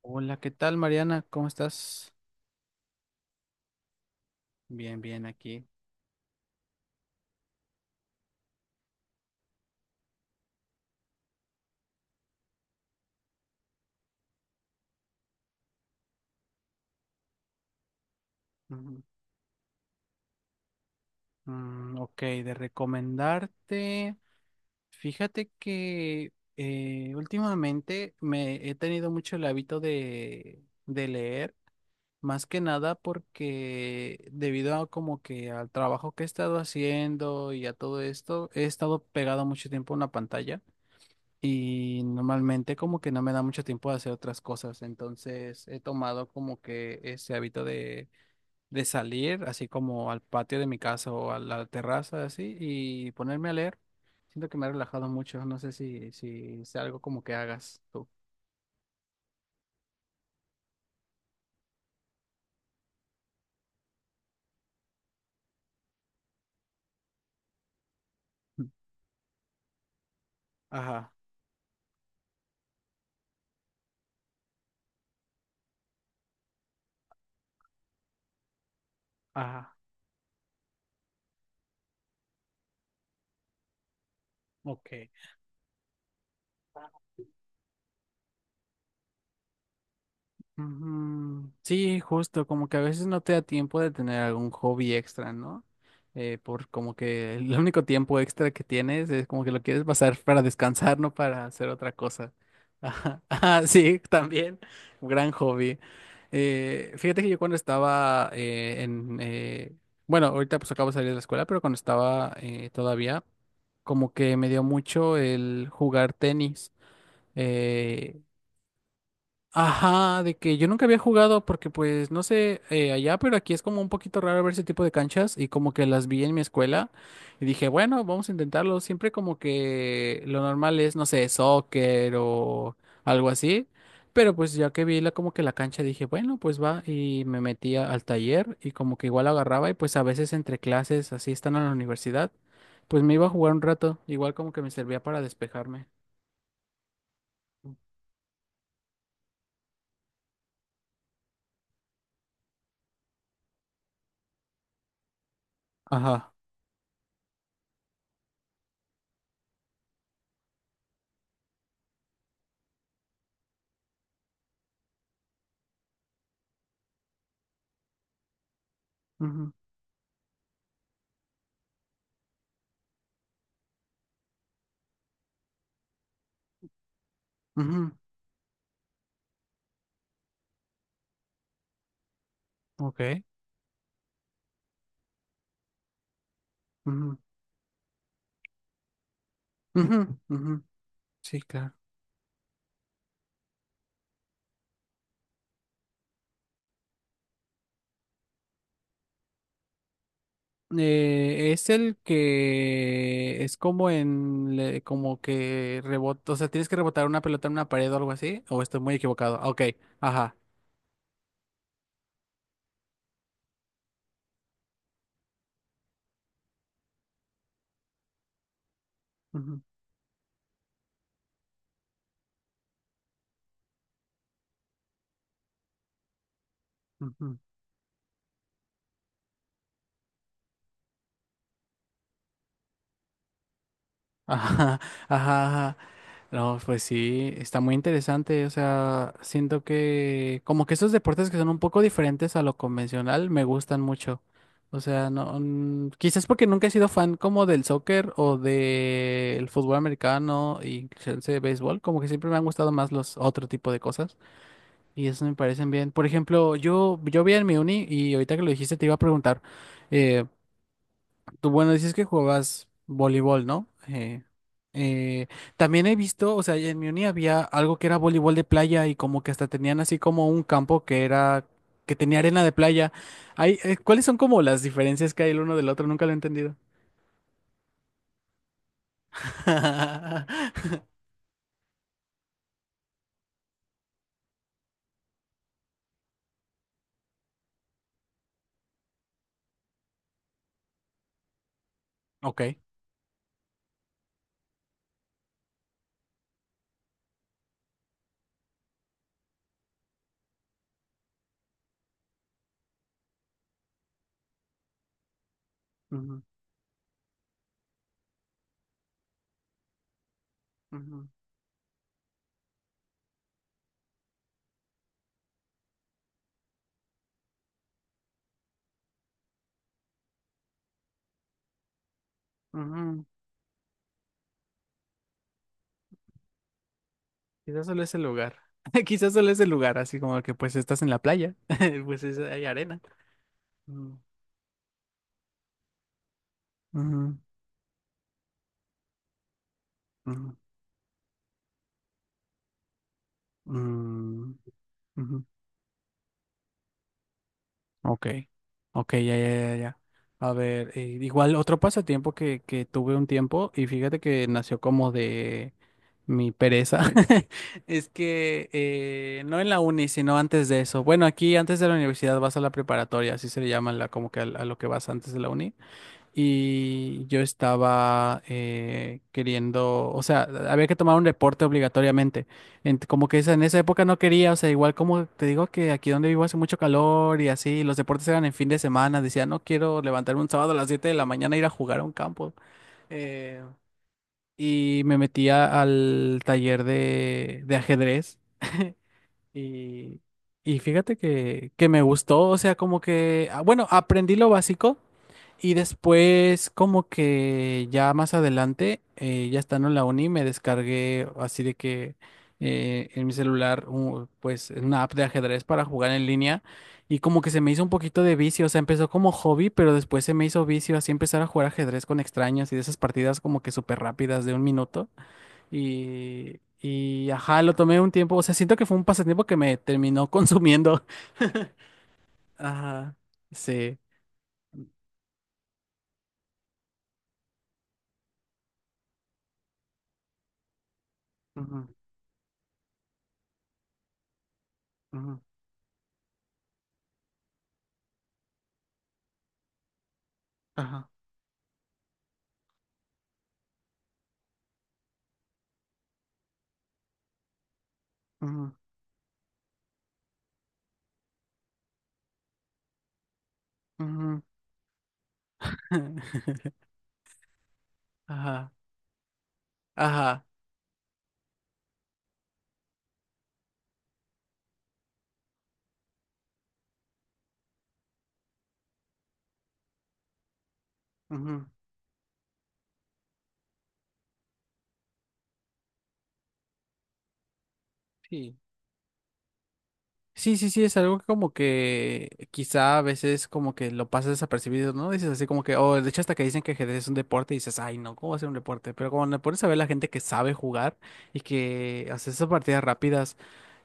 Hola, ¿qué tal, Mariana? ¿Cómo estás? Bien, bien, aquí. Ujú. Mm, ok, de recomendarte. Fíjate que últimamente me he tenido mucho el hábito de leer, más que nada porque debido a como que al trabajo que he estado haciendo y a todo esto, he estado pegado mucho tiempo a una pantalla. Y normalmente como que no me da mucho tiempo de hacer otras cosas, entonces he tomado como que ese hábito de salir así como al patio de mi casa o a la terraza así y ponerme a leer. Siento que me ha relajado mucho, no sé si es algo como que hagas tú. Ajá, ajá. Ok. Ujú. Sí, justo, como que a veces no te da tiempo de tener algún hobby extra, ¿no? Por como que el único tiempo extra que tienes es como que lo quieres pasar para descansar, no para hacer otra cosa. Ajá, ajá, sí, también, un gran hobby. Fíjate que yo cuando estaba bueno, ahorita pues acabo de salir de la escuela, pero cuando estaba todavía, como que me dio mucho el jugar tenis. Eh. Ajá, de que yo nunca había jugado porque pues no sé allá, pero aquí es como un poquito raro ver ese tipo de canchas y como que las vi en mi escuela y dije, bueno, vamos a intentarlo. Siempre como que lo normal es, no sé, soccer o algo así, pero pues ya que vi la, como que la cancha dije, bueno, pues va y me metía al taller y como que igual agarraba y pues a veces entre clases, así están en la universidad, pues me iba a jugar un rato, igual como que me servía para despejarme. Ajá. Ujú, ujú. Ok. Ujú. Ujú, ujú. Sí, claro. Es el que es como en le- como que rebota, o sea, tienes que rebotar una pelota en una pared o algo así, o estoy muy equivocado. Ok, ajá. Ujú, ujú. Ajá, ajá, ajá. No, pues sí, está muy interesante. O sea, siento que como que esos deportes que son un poco diferentes a lo convencional me gustan mucho. O sea, no, mm, quizás porque nunca he sido fan como del soccer o del fútbol americano y chance de béisbol, como que siempre me han gustado más los otro tipo de cosas y eso me parecen bien. Por ejemplo, yo vi en mi uni y ahorita que lo dijiste te iba a preguntar. Eh. Tú, bueno, dices que jugabas voleibol, ¿no? Eh, también he visto, o sea, en mi uni había algo que era voleibol de playa y como que hasta tenían así como un campo que era, que tenía arena de playa. Hay, ¿cuáles son como las diferencias que hay el uno del otro? Nunca lo he entendido. Ok. Ujú, ujú, ujú. Quizás solo es el lugar. Quizás solo es el lugar, así como que pues estás en la playa, pues es- hay arena. Mm. Ujú, ujú, mm, ujú. Ok, ok, ya, ya, ya, ya. A ver, igual otro pasatiempo que tuve un tiempo y fíjate que nació como de mi pereza, es que no en la uni, sino antes de eso. Bueno, aquí antes de la universidad vas a la preparatoria, así se le llama la, como que a lo que vas antes de la uni y yo estaba queriendo, o sea, había que tomar un reporte obligatoriamente. Ent- como que esa- en esa época no quería, o sea, igual como te digo que aquí donde vivo hace mucho calor y así, los deportes eran en fin de semana, decía, no quiero levantarme un sábado a las 7 de la mañana e ir a jugar a un campo. Eh, y me metía al taller de ajedrez. Y, y fíjate que me gustó, o sea, como que, ah, bueno, aprendí lo básico y después, como que ya más adelante, ya estando en la uni, me descargué así de que en mi celular, un- pues una app de ajedrez para jugar en línea. Y como que se me hizo un poquito de vicio, o sea, empezó como hobby, pero después se me hizo vicio así empezar a jugar ajedrez con extraños y de esas partidas como que súper rápidas de un minuto. Y ajá, lo tomé un tiempo, o sea, siento que fue un pasatiempo que me terminó consumiendo. Ajá, sí. Ujú, ujú. Ajá. Ujú. Ujú. Ajá, ajá, ujú. Sí. Sí, sí, sí, es algo que como que quizá a veces como que lo pasas desapercibido, ¿no? Dices así como que, oh, de hecho hasta que dicen que ajedrez es un deporte y dices, ay, no, ¿cómo va a ser un deporte? Pero cuando le pones a ver la gente que sabe jugar y que hace esas partidas rápidas.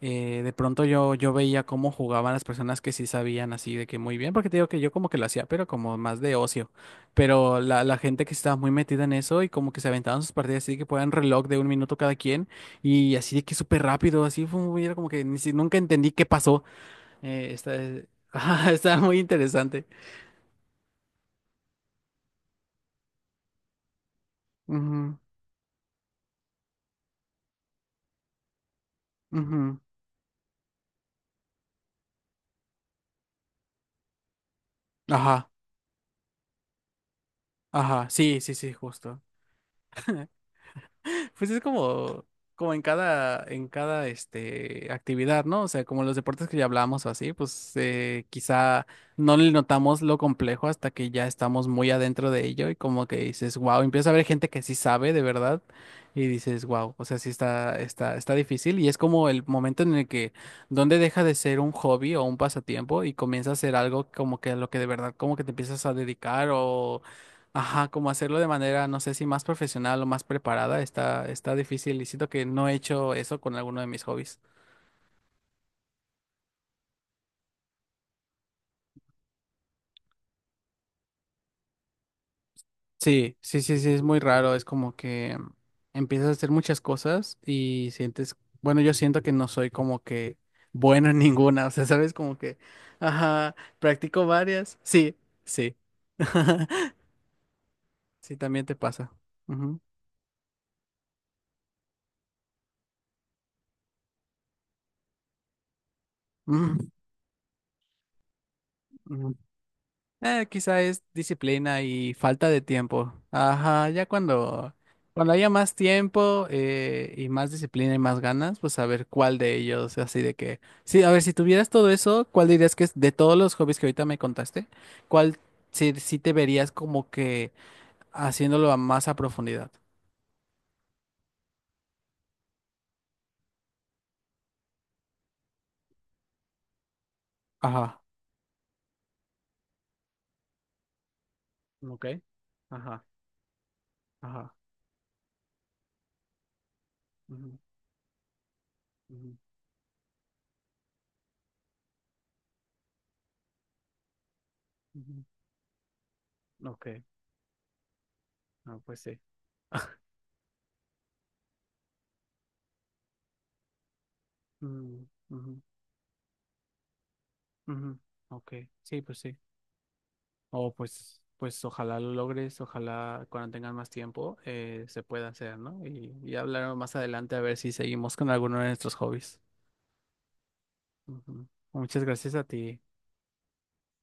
De pronto yo veía cómo jugaban las personas que sí sabían así de que muy bien, porque te digo que yo como que lo hacía, pero como más de ocio. Pero la gente que estaba muy metida en eso y como que se aventaban sus partidas así que ponían reloj de un minuto cada quien y así de que súper rápido, así fue muy, era como que ni si- nunca entendí qué pasó. Está, ajá, está muy interesante. Ujú, ujú. Ajá, ajá, sí, sí, sí, justo. Pues es como, como en cada este, actividad, ¿no? O sea, como los deportes que ya hablamos o así, pues quizá no le notamos lo complejo hasta que ya estamos muy adentro de ello y como que dices, wow, empieza a ver gente que sí sabe de verdad y dices, wow, o sea, sí está, está difícil y es como el momento en el que donde deja de ser un hobby o un pasatiempo y comienza a ser algo como que a lo que de verdad como que te empiezas a dedicar o ajá, como hacerlo de manera, no sé si más profesional o más preparada, está, está difícil y siento que no he hecho eso con alguno de mis hobbies. Sí, sí, sí, sí, es muy raro, es como que empiezas a hacer muchas cosas y sientes, bueno, yo siento que no soy como que bueno en ninguna, o sea, sabes, como que, ajá, practico varias, sí, sí, sí, también te pasa. Ujú. Mm. Quizá es disciplina y falta de tiempo. Ajá, ya cuando, cuando haya más tiempo y más disciplina y más ganas, pues a ver cuál de ellos, así de que... Sí, a ver, si tuvieras todo eso, ¿cuál dirías que es de todos los hobbies que ahorita me contaste? ¿Cuál sí, sí te verías como que haciéndolo a más a profundidad? Ajá. Ok. Ajá. Ajá. Ujú, ujú, ujú. Ok. No, pues sí. Mm, ujú, ujú. Ok. Sí, pues sí. O pues, pues ojalá lo logres, ojalá cuando tengan más tiempo se pueda hacer, ¿no? Y hablar más adelante a ver si seguimos con alguno de nuestros hobbies. Ujú. Muchas gracias a ti.